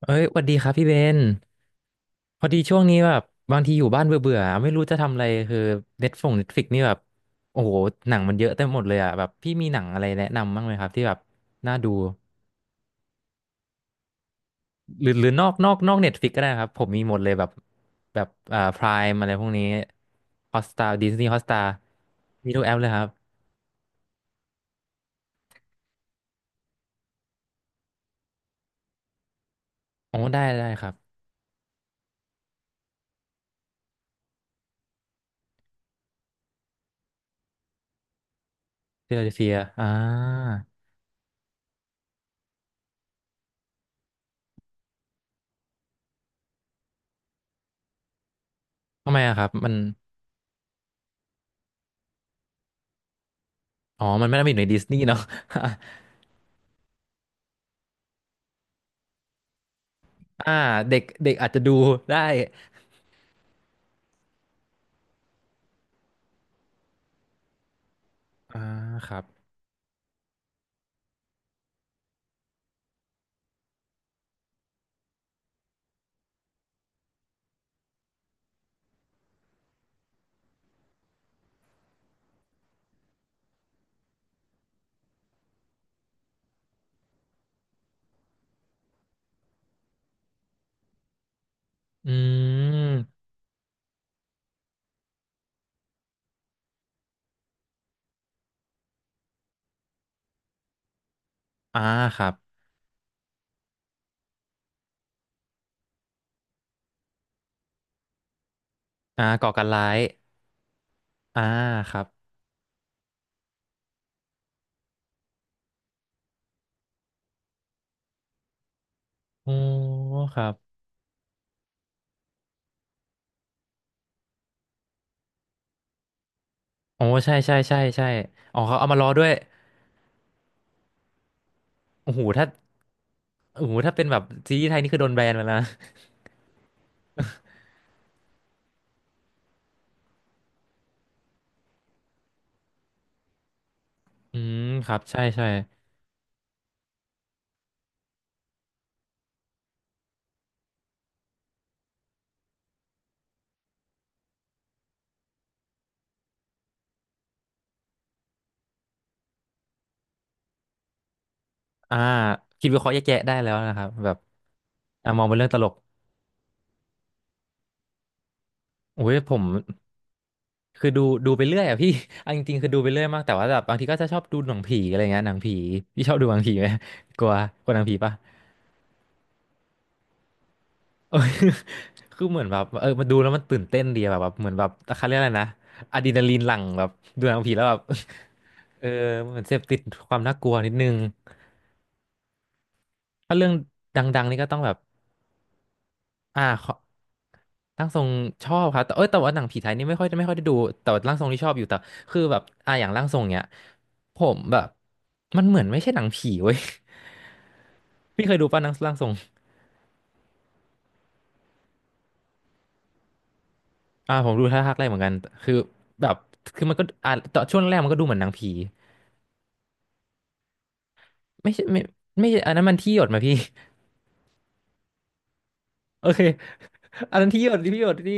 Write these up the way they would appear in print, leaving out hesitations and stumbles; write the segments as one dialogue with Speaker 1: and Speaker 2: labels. Speaker 1: เอ้ยหวัสดีครับพี่เบนพอดีช่วงนี้แบบบางทีอยู่บ้านเบื่อเบื่อไม่รู้จะทำอะไรคือเน็ตฟิกนี่แบบโอ้โหหนังมันเยอะเต็มหมดเลยอ่ะแบบพี่มีหนังอะไรแนะนำบ้างไหมครับที่แบบน่าดูหรือนอกเน็ตฟิกก็ได้นะครับผมมีหมดเลยแบบพรายอะไรพวกนี้ฮอสตาดิสนีย์ฮอสตามีทุกแอปเลยครับโอ้ได้ได้ครับเฟียเดลเฟียอ่าทำไมอะครับมันอ๋อมันไม่ได้มีอยู่ในดิสนีย์เนาะ อ่าเด็กเด็กอาจจะดูได้อ่าครับ อืมอ่าครับอ่าก่อการร้ายอ่าครับโอ้ครับโอ้ใช่ใช่ใช่ใช่อ๋อเขาเอามาล้อด้วยโอ้โหถ้าเป็นแบบซีรีส์ไทยนี่คือโดนแบนไปแล้วนะอืมครับใช่ใช่อ่าคิดวิเคราะห์แยกแยะได้แล้วนะครับแบบมองเป็นเรื่องตลกโอ้ยผมคือดูไปเรื่อยอ่ะพี่ เอาจริงๆคือดูไปเรื่อยมากแต่ว่าแบบบางทีก็จะชอบดูหนังผีอะไรเงี้ยหนังผีพี่ชอบดูหนังผีไหมกลัวกลัวหนังผีปะ เออ คือเหมือนแบบเออมาดูแล้วมันตื่นเต้นดีอะแบบเหมือนแบบเขาเรียกอะไรนะอะดรีนาลีนหลั่งแบบดูหนังผีแล้วแบบ เออเหมือนเสพติดความน่ากลัวนิดนึงถ้าเรื่องดังๆนี่ก็ต้องแบบขอร่างทรงชอบครับแต่เอ้ยแต่ว่าหนังผีไทยนี่ไม่ค่อยได้ดูแต่ว่าร่างทรงที่ชอบอยู่แต่คือแบบอย่างร่างทรงเนี้ยผมแบบมันเหมือนไม่ใช่หนังผีเว้ย พี่เคยดูป่ะหนังร่างทรงอ่าผมดูท่าทางแรกเหมือนกันคือแบบคือมันก็ตอนช่วงแรกมันก็ดูเหมือนหนังผี ไม่ใช่ไม่ใช่อันนั้นมันที่หยดมาพี่ โอเคอันนั้นที่หยด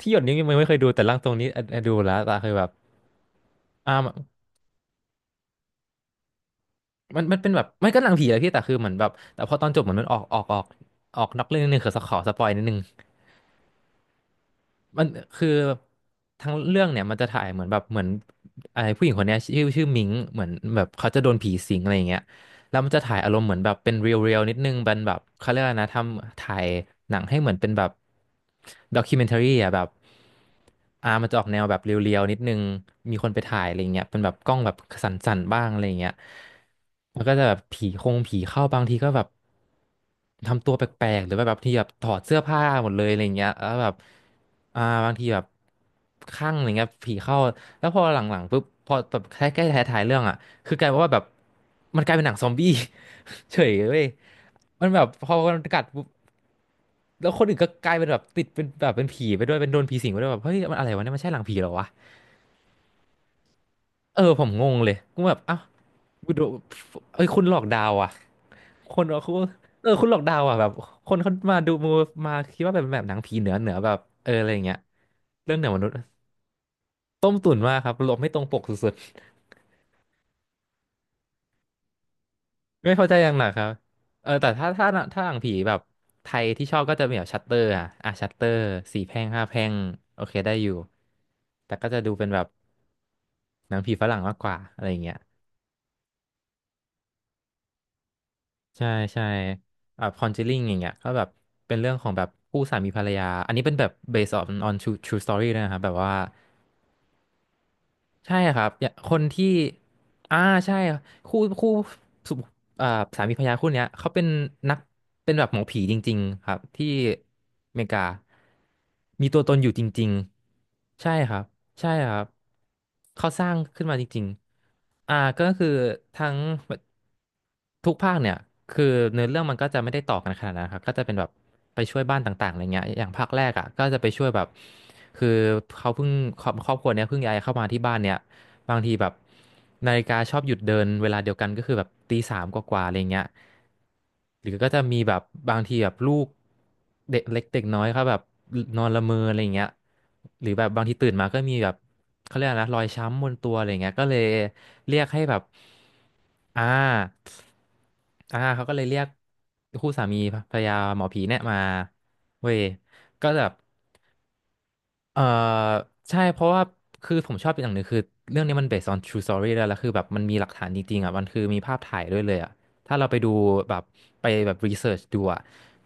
Speaker 1: ที่หยดนี้ยังไม่เคยดูแต่ร่างทรงนี้อ่ะดูแล้วแต่คือแบบอ่ามันเป็นแบบไม่ก็หนังผีและพี่แต่คือเหมือนแบบแต่พอตอนจบเหมือนมันออกออกนอกเรื่องนิดนึงคือขอสปอยนิดนึงมันคือทั้งเรื่องเนี่ยมันจะถ่ายเหมือนแบบเหมือนไอ้ผู้หญิงคนเนี้ยชื่อมิงเหมือนแบบเขาจะโดนผีสิงอะไรอย่างเงี้ย แล้วมันจะถ่ายอารมณ์เหมือนแบบเป็นเรียลเรียลนิดนึงเป็นแบบเขาเรียกอะไรนะทำถ่ายหนังให้เหมือนเป็นแบบด็อกิเมนทารีอ่ะแบบอ่ามันจะออกแนวแบบเรียลเรียลนิดนึงมีคนไปถ่ายอะไรเงี้ยเป็นแบบกล้องแบบสั่นๆบ้างอะไรเงี้ยมันก็จะแบบผีคงผีเข้าบางทีก็แบบทำตัวแปลกๆหรือว่าแบบที่แบบถอดเสื้อผ้าหมดเลยอะไรเงี้ยแล้วแบบบางทีแบบข้างอะไรเงี้ยผีเข้าแล้วพอหลังๆปุ๊บพอแบบใกล้ๆท้ายๆเรื่องอ่ะ คือกลายเป็นว่าแบบมันกลายเป็นหนังซอมบี้ เฉยเว้ยมันแบบพอมันกัดปุ๊บแล้วคนอื่นก็กลายเป็นแบบติดเป็นแบบเป็นผีไปด้วยเป็นโดนผีสิงไปด้วยแบบเฮ้ยมันอะไรวะเนี่ยมันใช่หลังผีเหรอวะเออผมงงเลยกูแบบเอ้ากูโดนเอ้ยคุณหลอกดาวอ่ะคนเขาเออคุณหลอกดาวอ่ะแบบคนเขามาดูมาคิดว่าแบบแบบหนังผีเหนือแบบเอออะไรอย่างเงี้ยเรื่องเหนือมนุษย์ต้มตุ๋นมากครับหลบไม่ตรงปกสุดๆ ไม่พอใจอย่างหนักครับเออแต่ถ้าถ้าหนังผีแบบไทยที่ชอบก็จะมีแบบชัตเตอร์อ่ะชัตเตอร์สี่แพร่งห้าแพร่งโอเคได้อยู่ แต่ก็จะดูเป็นแบบหนังผีฝรั่งมากกว่าอะไรอย่างเงี้ยใช่ใช่แบบคอนเจลิ่งอย่างเงี้ยก็แบบเป็นเรื่องของแบบคู่สามีภรรยา อันนี้เป็นแบบ based on true story ด้วยนะครับแบบว่าใช่ครับอย่าคนที่ อ่าใช่คู่คู่ เอ่อสามีภรรยาคู่เนี้ยเขาเป็นนักเป็นแบบหมอผีจริงๆครับที่อเมริกามีตัวตนอยู่จริงๆใช่ครับใช่ครับเขาสร้างขึ้นมาจริงๆอ่าก็คือทั้งทุกภาคเนี่ยคือเนื้อเรื่องมันก็จะไม่ได้ต่อกันขนาดนั้นครับก็จะเป็นแบบไปช่วยบ้านต่างๆอะไรเงี้ยอย่างภาคแรกอ่ะก็จะไปช่วยแบบคือเขาเพิ่งครอบครัวเนี้ยเพิ่งย้ายเข้ามาที่บ้านเนี่ย บางทีแบบนาฬิกาชอบหยุดเดินเวลาเดียวกันก็คือแบบตีสามกว่าๆอะไรเงี้ยหรือก็จะมีแบบบางทีแบบลูกเด็กเล็กเด็กน้อยเขาแบบนอนละเมออะไรเงี้ยหรือแบบบางทีตื่นมาก็มีแบบเขาเรียกอะไรนะรอยช้ำบนตัวอะไรเงี้ยก็เลยเรียกให้แบบอ่าอ่าเขาก็เลยเรียกคู่สามีภรรยาหมอผีเนี่ยมาเว้ยก็แบบ เอ่อใช่เพราะว่าคือผมชอบอย่างหนึ่งคือเรื่องนี้มัน based on true story แล้วคือแบบมันมีหลักฐานจริงๆอ่ะมันคือมีภาพถ่ายด้วยเลยอ่ะถ้าเราไปดูแบบไปแบบ research ดูอ่ะ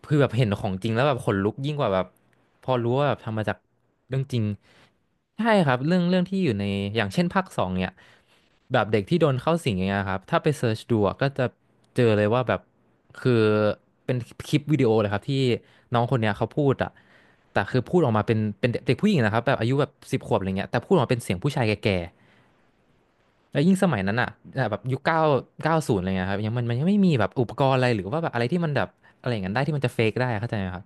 Speaker 1: คือแบบเห็นของจริงแล้วแบบขนลุกยิ่งกว่าแบบพอรู้ว่าแบบทำมาจากเรื่องจริงใช่ครับเรื่องที่อยู่ในอย่างเช่นภาคสองเนี่ยแบบเด็กที่โดนเข้าสิงอย่างเงี้ยครับถ้าไปเซิร์ชดูอะก็จะเจอเลยว่าแบบคือเป็นคลิปวิดีโอเลยครับที่น้องคนเนี้ยเขาพูดอะแต่คือพูดออกมาเป็นเด็กผู้หญิงนะครับแบบอายุแบบสิบขวบอะไรเงี้ยแต่พูดออกมาเป็นเสียงผู้ชายแก่ๆแล้วยิ่งสมัยนั้นอ่ะแบบยุคเก้าเก้าศูนย์อะไรเงี้ยครับยังมันยังไม่มีแบบอุปกรณ์อะไรหรือว่าแบบอะไรที่มันแบบอะไรอย่างนั้นได้ที่มันจะเฟกได้อะเข้าใจไหมครับ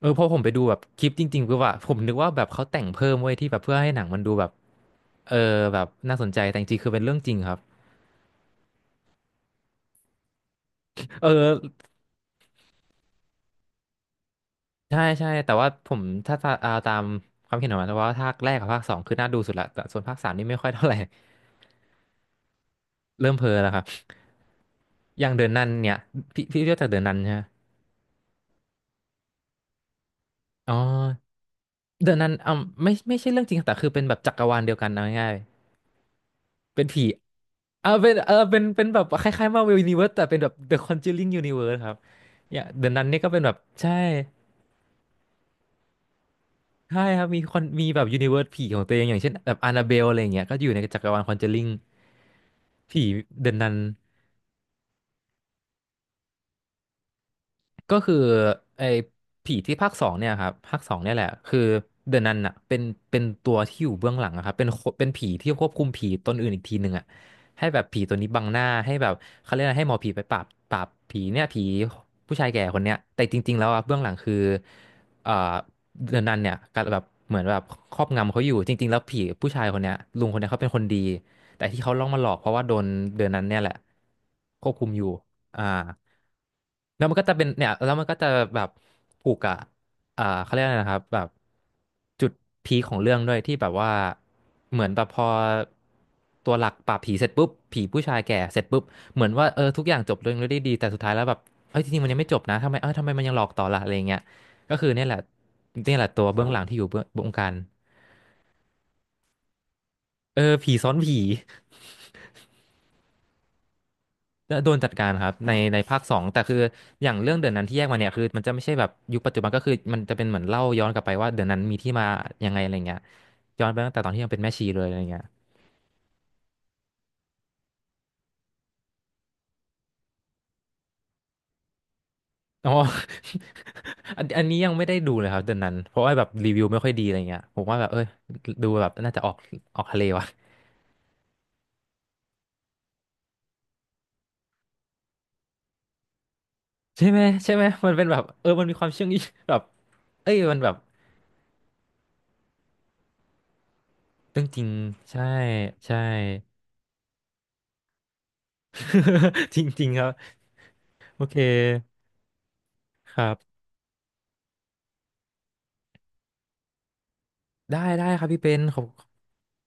Speaker 1: เออพอผมไปดูแบบคลิปจริงๆคือว่าผมนึกว่าแบบเขาแต่งเพิ่มไว้ยที่แบบเพื่อให้หนังมันดูแบบเออแบบน่าสนใจแต่จริงๆคือเป็นเรื่องจริงครับเออใช่ใช่แต่ว่าผมถ้าตาเอาตามความเห็นของมันแต่ว่าภาคแรกกับภาคสองคือน่าดูสุดละแต่ส่วนภาคสามนี่ไม่ค่อยเท่าไหร่ เริ่มเพ้อแล้วครับอย่างเดินนันเนี่ยพี่เรียกจากเดินนันใช่ไหมอ๋อเดินนันอ่าไม่ใช่เรื่องจริงแต่คือเป็นแบบจักรวาลเดียวกันเอาง่ายๆเป็นผีอ่าเป็นเออเป็นเป็นแบบคล้ายๆมาเวลยูนิเวิร์สแต่เป็นแบบ The Conjuring Universe ครับเนี่ยเดนนันนี่ก็เป็นแบบใช่ ใช่ครับมีคนมีแบบยูนิเวิร์สผีของตัวเองอย่างเช่นแบบ a า n าเบลอะไรอย่างเงี้ยก็อยู่ในจักรวาลคอนเจอริงผีเดนนัน ก็คือไอ้ผีที่ภาคสองเนี่ยครับภาคสองเนี่ยแหละคือเดอะนันอะเป็นเป็นตัวที่อยู่เบื้องหลังอะครับเป็นคนเป็นผีที่ควบคุมผีตนอื่นอีกทีหนึ่งอะให้แบบผีตัวนี้บังหน้าให้แบบเขาเรียกอะไรให้หมอผีไปปราบผีเนี่ยผีผู้ชายแก่คนเนี้ยแต่จริงๆแล้วอะเบื้องหลังคือเอ่อเดอะนันเนี่ยก็แบบเหมือนแบบครอบงำเขาอยู่จริงๆแล้วผีผู้ชายคนเนี้ยลุงคนเนี้ยเขาเป็นคนดีแต่ที่เขาล่องมาหลอกเพราะว่าโดนเดอะนันเนี่ยแหละควบคุมอยู่ อ่าแล้วมันก็จะเป็นเนี่ยแล้วมันก็จะแบบผูกกับอ่าเขาเรียกอะไรนะครับแบบจุดพีคของเรื่องด้วยที่แบบว่าเหมือนแบบพอตัวหลักปราบผีเสร็จปุ๊บผีผู้ชายแก่เสร็จปุ๊บเหมือนว่าเออทุกอย่างจบลงด้วยดีแต่สุดท้ายแล้วแบบเอ้ยจริงๆมันยังไม่จบนะทำไมเออทำไมมันยังหลอกต่อล่ะอะไรเงี้ยก็คือเนี่ยแหละเนี่ยแหละตัวเบื้องหลังที่อยู่เบื้องบงการเออผีซ้อนผี โดนจัดการครับในภาคสองแต่คืออย่างเรื่องเดือนนั้นที่แยกมาเนี่ยคือมันจะไม่ใช่แบบยุคปัจจุบันก็คือมันจะเป็นเหมือนเล่าย้อนกลับไปว่าเดือนนั้นมีที่มายังไงอะไรเงี้ยย้อนไปตั้งแต่ตอนที่ยังเป็นแม่ชีเลยอะไรเงี้ยอ๋อ อันนี้ยังไม่ได้ดูเลยครับเดือนนั้นเพราะว่าแบบรีวิวไม่ค่อยดีอะไรเงี้ยผมว่าแบบเอ้ยดูแบบน่าจะออกทะเลวะใช่ไหมใช่ไหมมันเป็นแบบเออมันมีความเชื่องอีแบบเอ้ยมันแบบเรื่องจริงใช่ใช่ จริงๆครับโอเคครับ ได้ได้ครับพี่เป็นขอบ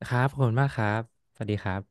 Speaker 1: ครับขอบคุณมากครับ สวัสดีครับ